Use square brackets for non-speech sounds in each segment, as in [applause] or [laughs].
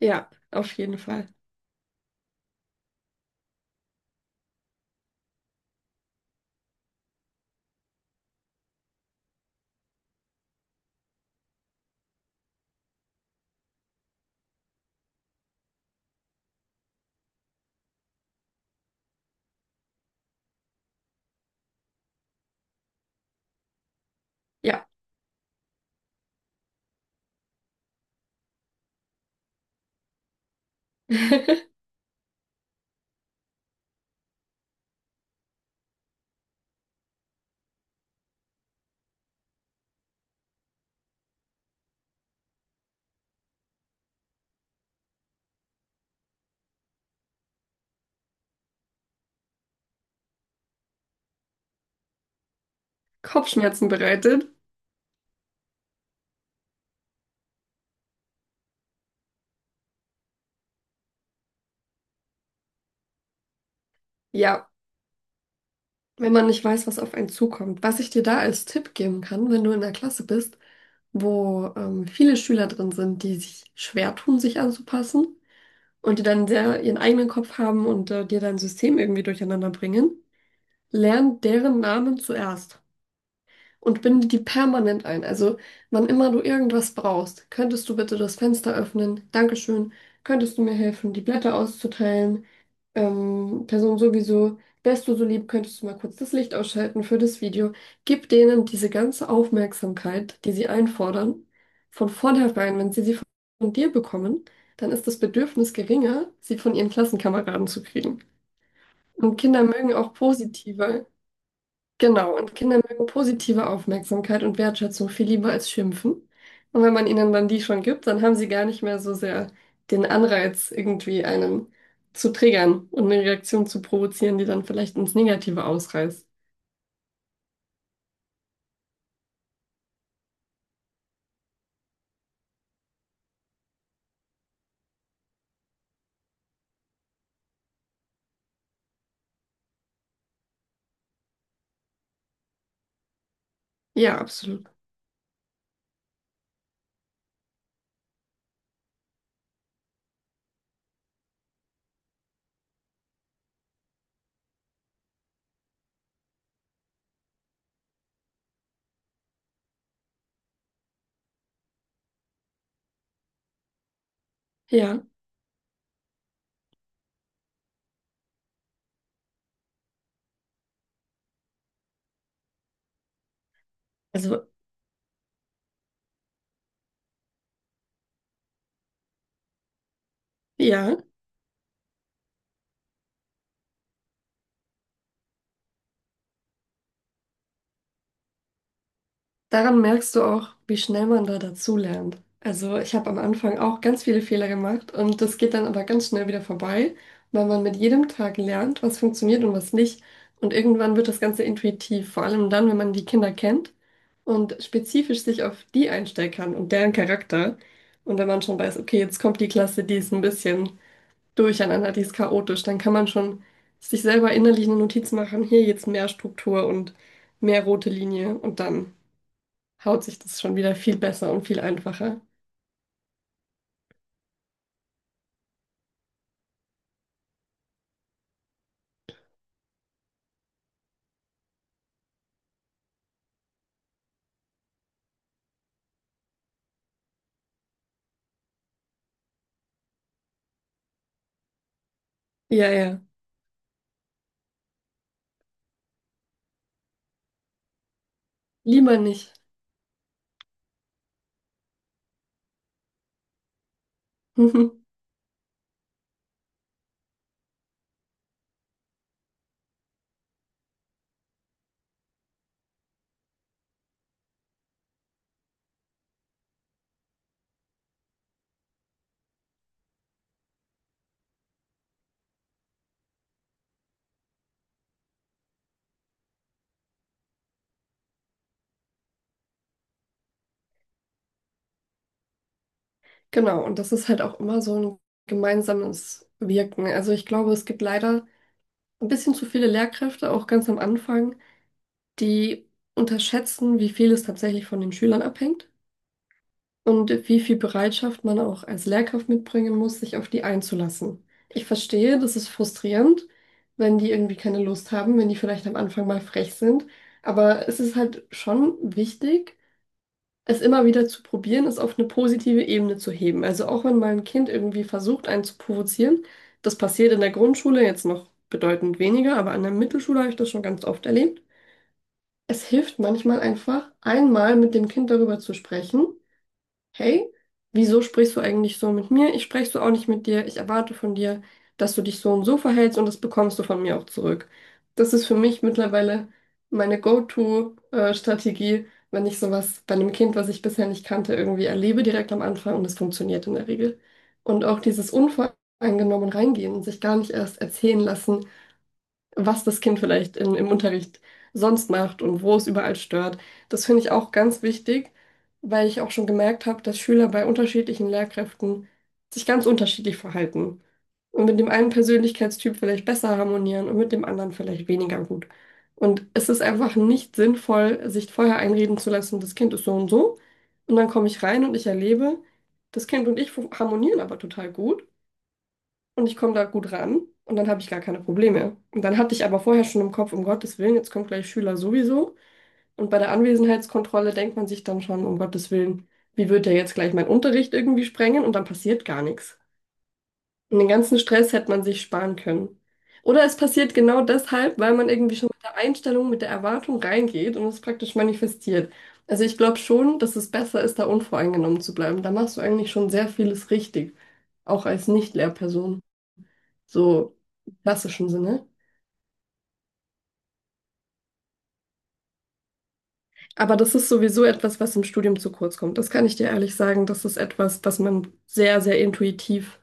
Ja, auf jeden Fall. Ja. [laughs] Kopfschmerzen bereitet. Ja, wenn man nicht weiß, was auf einen zukommt. Was ich dir da als Tipp geben kann, wenn du in der Klasse bist, wo viele Schüler drin sind, die sich schwer tun, sich anzupassen und die dann sehr ihren eigenen Kopf haben und dir dein System irgendwie durcheinander bringen, lern deren Namen zuerst und binde die permanent ein. Also, wann immer du irgendwas brauchst, könntest du bitte das Fenster öffnen? Dankeschön. Könntest du mir helfen, die Blätter auszuteilen? Person sowieso, wärst du so lieb, könntest du mal kurz das Licht ausschalten für das Video. Gib denen diese ganze Aufmerksamkeit, die sie einfordern, von vornherein, wenn sie sie von dir bekommen, dann ist das Bedürfnis geringer, sie von ihren Klassenkameraden zu kriegen. Und Kinder mögen auch positive Genau, und Kinder mögen positive Aufmerksamkeit und Wertschätzung viel lieber als Schimpfen. Und wenn man ihnen dann die schon gibt, dann haben sie gar nicht mehr so sehr den Anreiz, irgendwie einen zu triggern und eine Reaktion zu provozieren, die dann vielleicht ins Negative ausreißt. Ja, absolut. Ja, also ja. Daran merkst du auch, wie schnell man da dazulernt. Also ich habe am Anfang auch ganz viele Fehler gemacht und das geht dann aber ganz schnell wieder vorbei, weil man mit jedem Tag lernt, was funktioniert und was nicht. Und irgendwann wird das Ganze intuitiv, vor allem dann, wenn man die Kinder kennt und spezifisch sich auf die einstellen kann und deren Charakter. Und wenn man schon weiß, okay, jetzt kommt die Klasse, die ist ein bisschen durcheinander, die ist chaotisch, dann kann man schon sich selber innerlich eine Notiz machen, hier jetzt mehr Struktur und mehr rote Linie und dann haut sich das schon wieder viel besser und viel einfacher. Ja, ja. Lieber nicht. [laughs] Genau, und das ist halt auch immer so ein gemeinsames Wirken. Also ich glaube, es gibt leider ein bisschen zu viele Lehrkräfte, auch ganz am Anfang, die unterschätzen, wie viel es tatsächlich von den Schülern abhängt und wie viel Bereitschaft man auch als Lehrkraft mitbringen muss, sich auf die einzulassen. Ich verstehe, das ist frustrierend, wenn die irgendwie keine Lust haben, wenn die vielleicht am Anfang mal frech sind, aber es ist halt schon wichtig, es immer wieder zu probieren, es auf eine positive Ebene zu heben. Also auch wenn mal ein Kind irgendwie versucht, einen zu provozieren, das passiert in der Grundschule jetzt noch bedeutend weniger, aber an der Mittelschule habe ich das schon ganz oft erlebt. Es hilft manchmal einfach, einmal mit dem Kind darüber zu sprechen. Hey, wieso sprichst du eigentlich so mit mir? Ich spreche so auch nicht mit dir. Ich erwarte von dir, dass du dich so und so verhältst und das bekommst du von mir auch zurück. Das ist für mich mittlerweile meine Go-To-Strategie, wenn ich sowas bei einem Kind, was ich bisher nicht kannte, irgendwie erlebe direkt am Anfang und es funktioniert in der Regel. Und auch dieses unvoreingenommen reingehen, sich gar nicht erst erzählen lassen, was das Kind vielleicht in, im Unterricht sonst macht und wo es überall stört. Das finde ich auch ganz wichtig, weil ich auch schon gemerkt habe, dass Schüler bei unterschiedlichen Lehrkräften sich ganz unterschiedlich verhalten und mit dem einen Persönlichkeitstyp vielleicht besser harmonieren und mit dem anderen vielleicht weniger gut. Und es ist einfach nicht sinnvoll, sich vorher einreden zu lassen, das Kind ist so und so. Und dann komme ich rein und ich erlebe, das Kind und ich harmonieren aber total gut und ich komme da gut ran und dann habe ich gar keine Probleme. Und dann hatte ich aber vorher schon im Kopf, um Gottes Willen, jetzt kommt gleich Schüler sowieso. Und bei der Anwesenheitskontrolle denkt man sich dann schon, um Gottes Willen, wie wird der jetzt gleich meinen Unterricht irgendwie sprengen? Und dann passiert gar nichts. Und den ganzen Stress hätte man sich sparen können. Oder es passiert genau deshalb, weil man irgendwie schon mit der Einstellung, mit der Erwartung reingeht und es praktisch manifestiert. Also ich glaube schon, dass es besser ist, da unvoreingenommen zu bleiben. Da machst du eigentlich schon sehr vieles richtig, auch als Nicht-Lehrperson so im klassischen Sinne. Aber das ist sowieso etwas, was im Studium zu kurz kommt. Das kann ich dir ehrlich sagen. Das ist etwas, das man sehr, sehr intuitiv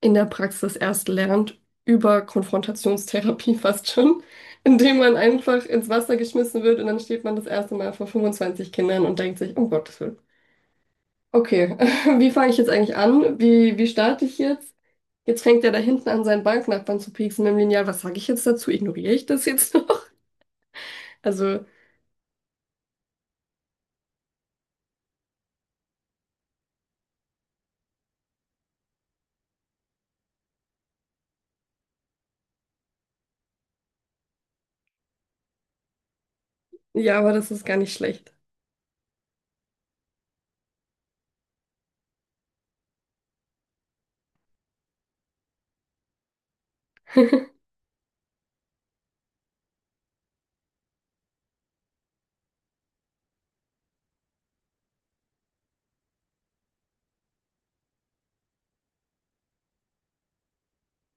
in der Praxis erst lernt, über Konfrontationstherapie [laughs] fast schon, indem man einfach ins Wasser geschmissen wird und dann steht man das erste Mal vor 25 Kindern und denkt sich, um Gottes Willen. Okay, [laughs] wie fange ich jetzt eigentlich an? Wie, wie starte ich jetzt? Jetzt fängt er da hinten an, seinen Banknachbarn zu pieksen mit dem Lineal. Was sage ich jetzt dazu? Ignoriere ich das jetzt noch? [laughs] Also, ja, aber das ist gar nicht schlecht.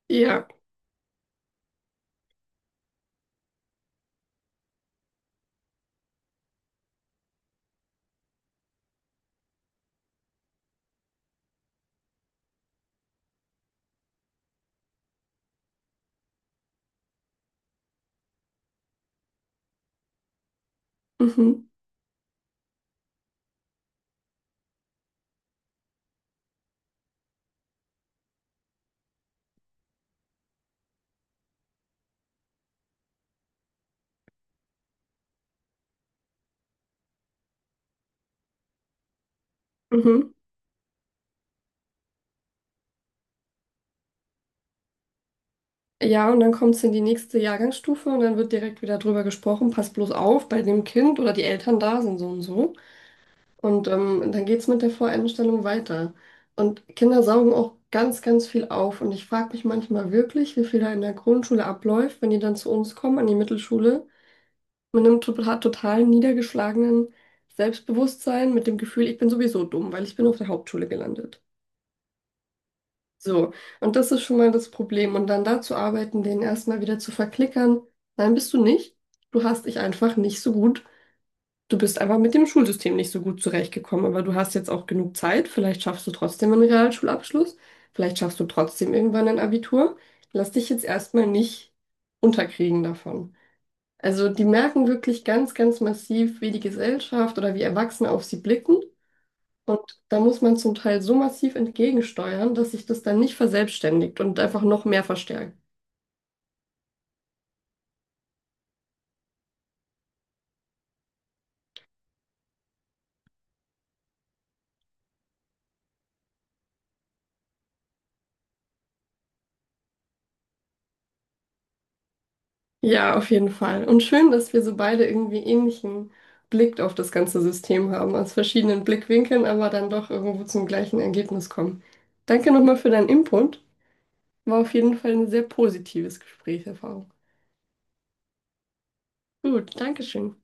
Ja. Mhm. Mhm. Ja, und dann kommt es in die nächste Jahrgangsstufe und dann wird direkt wieder drüber gesprochen, passt bloß auf, bei dem Kind oder die Eltern da sind so und so. Und dann geht es mit der Voreinstellung weiter. Und Kinder saugen auch ganz, ganz viel auf. Und ich frage mich manchmal wirklich, wie viel da in der Grundschule abläuft, wenn die dann zu uns kommen, an die Mittelschule, mit einem total, total niedergeschlagenen Selbstbewusstsein, mit dem Gefühl, ich bin sowieso dumm, weil ich bin auf der Hauptschule gelandet. So, und das ist schon mal das Problem. Und dann dazu arbeiten, den erstmal wieder zu verklickern. Nein, bist du nicht. Du hast dich einfach nicht so gut. Du bist einfach mit dem Schulsystem nicht so gut zurechtgekommen, aber du hast jetzt auch genug Zeit. Vielleicht schaffst du trotzdem einen Realschulabschluss. Vielleicht schaffst du trotzdem irgendwann ein Abitur. Lass dich jetzt erstmal nicht unterkriegen davon. Also die merken wirklich ganz, ganz massiv, wie die Gesellschaft oder wie Erwachsene auf sie blicken. Und da muss man zum Teil so massiv entgegensteuern, dass sich das dann nicht verselbstständigt und einfach noch mehr verstärkt. Ja, auf jeden Fall. Und schön, dass wir so beide irgendwie ähnlichen Blick auf das ganze System haben, aus verschiedenen Blickwinkeln, aber dann doch irgendwo zum gleichen Ergebnis kommen. Danke nochmal für deinen Input. War auf jeden Fall ein sehr positives Gesprächserfahrung. Gut, Dankeschön.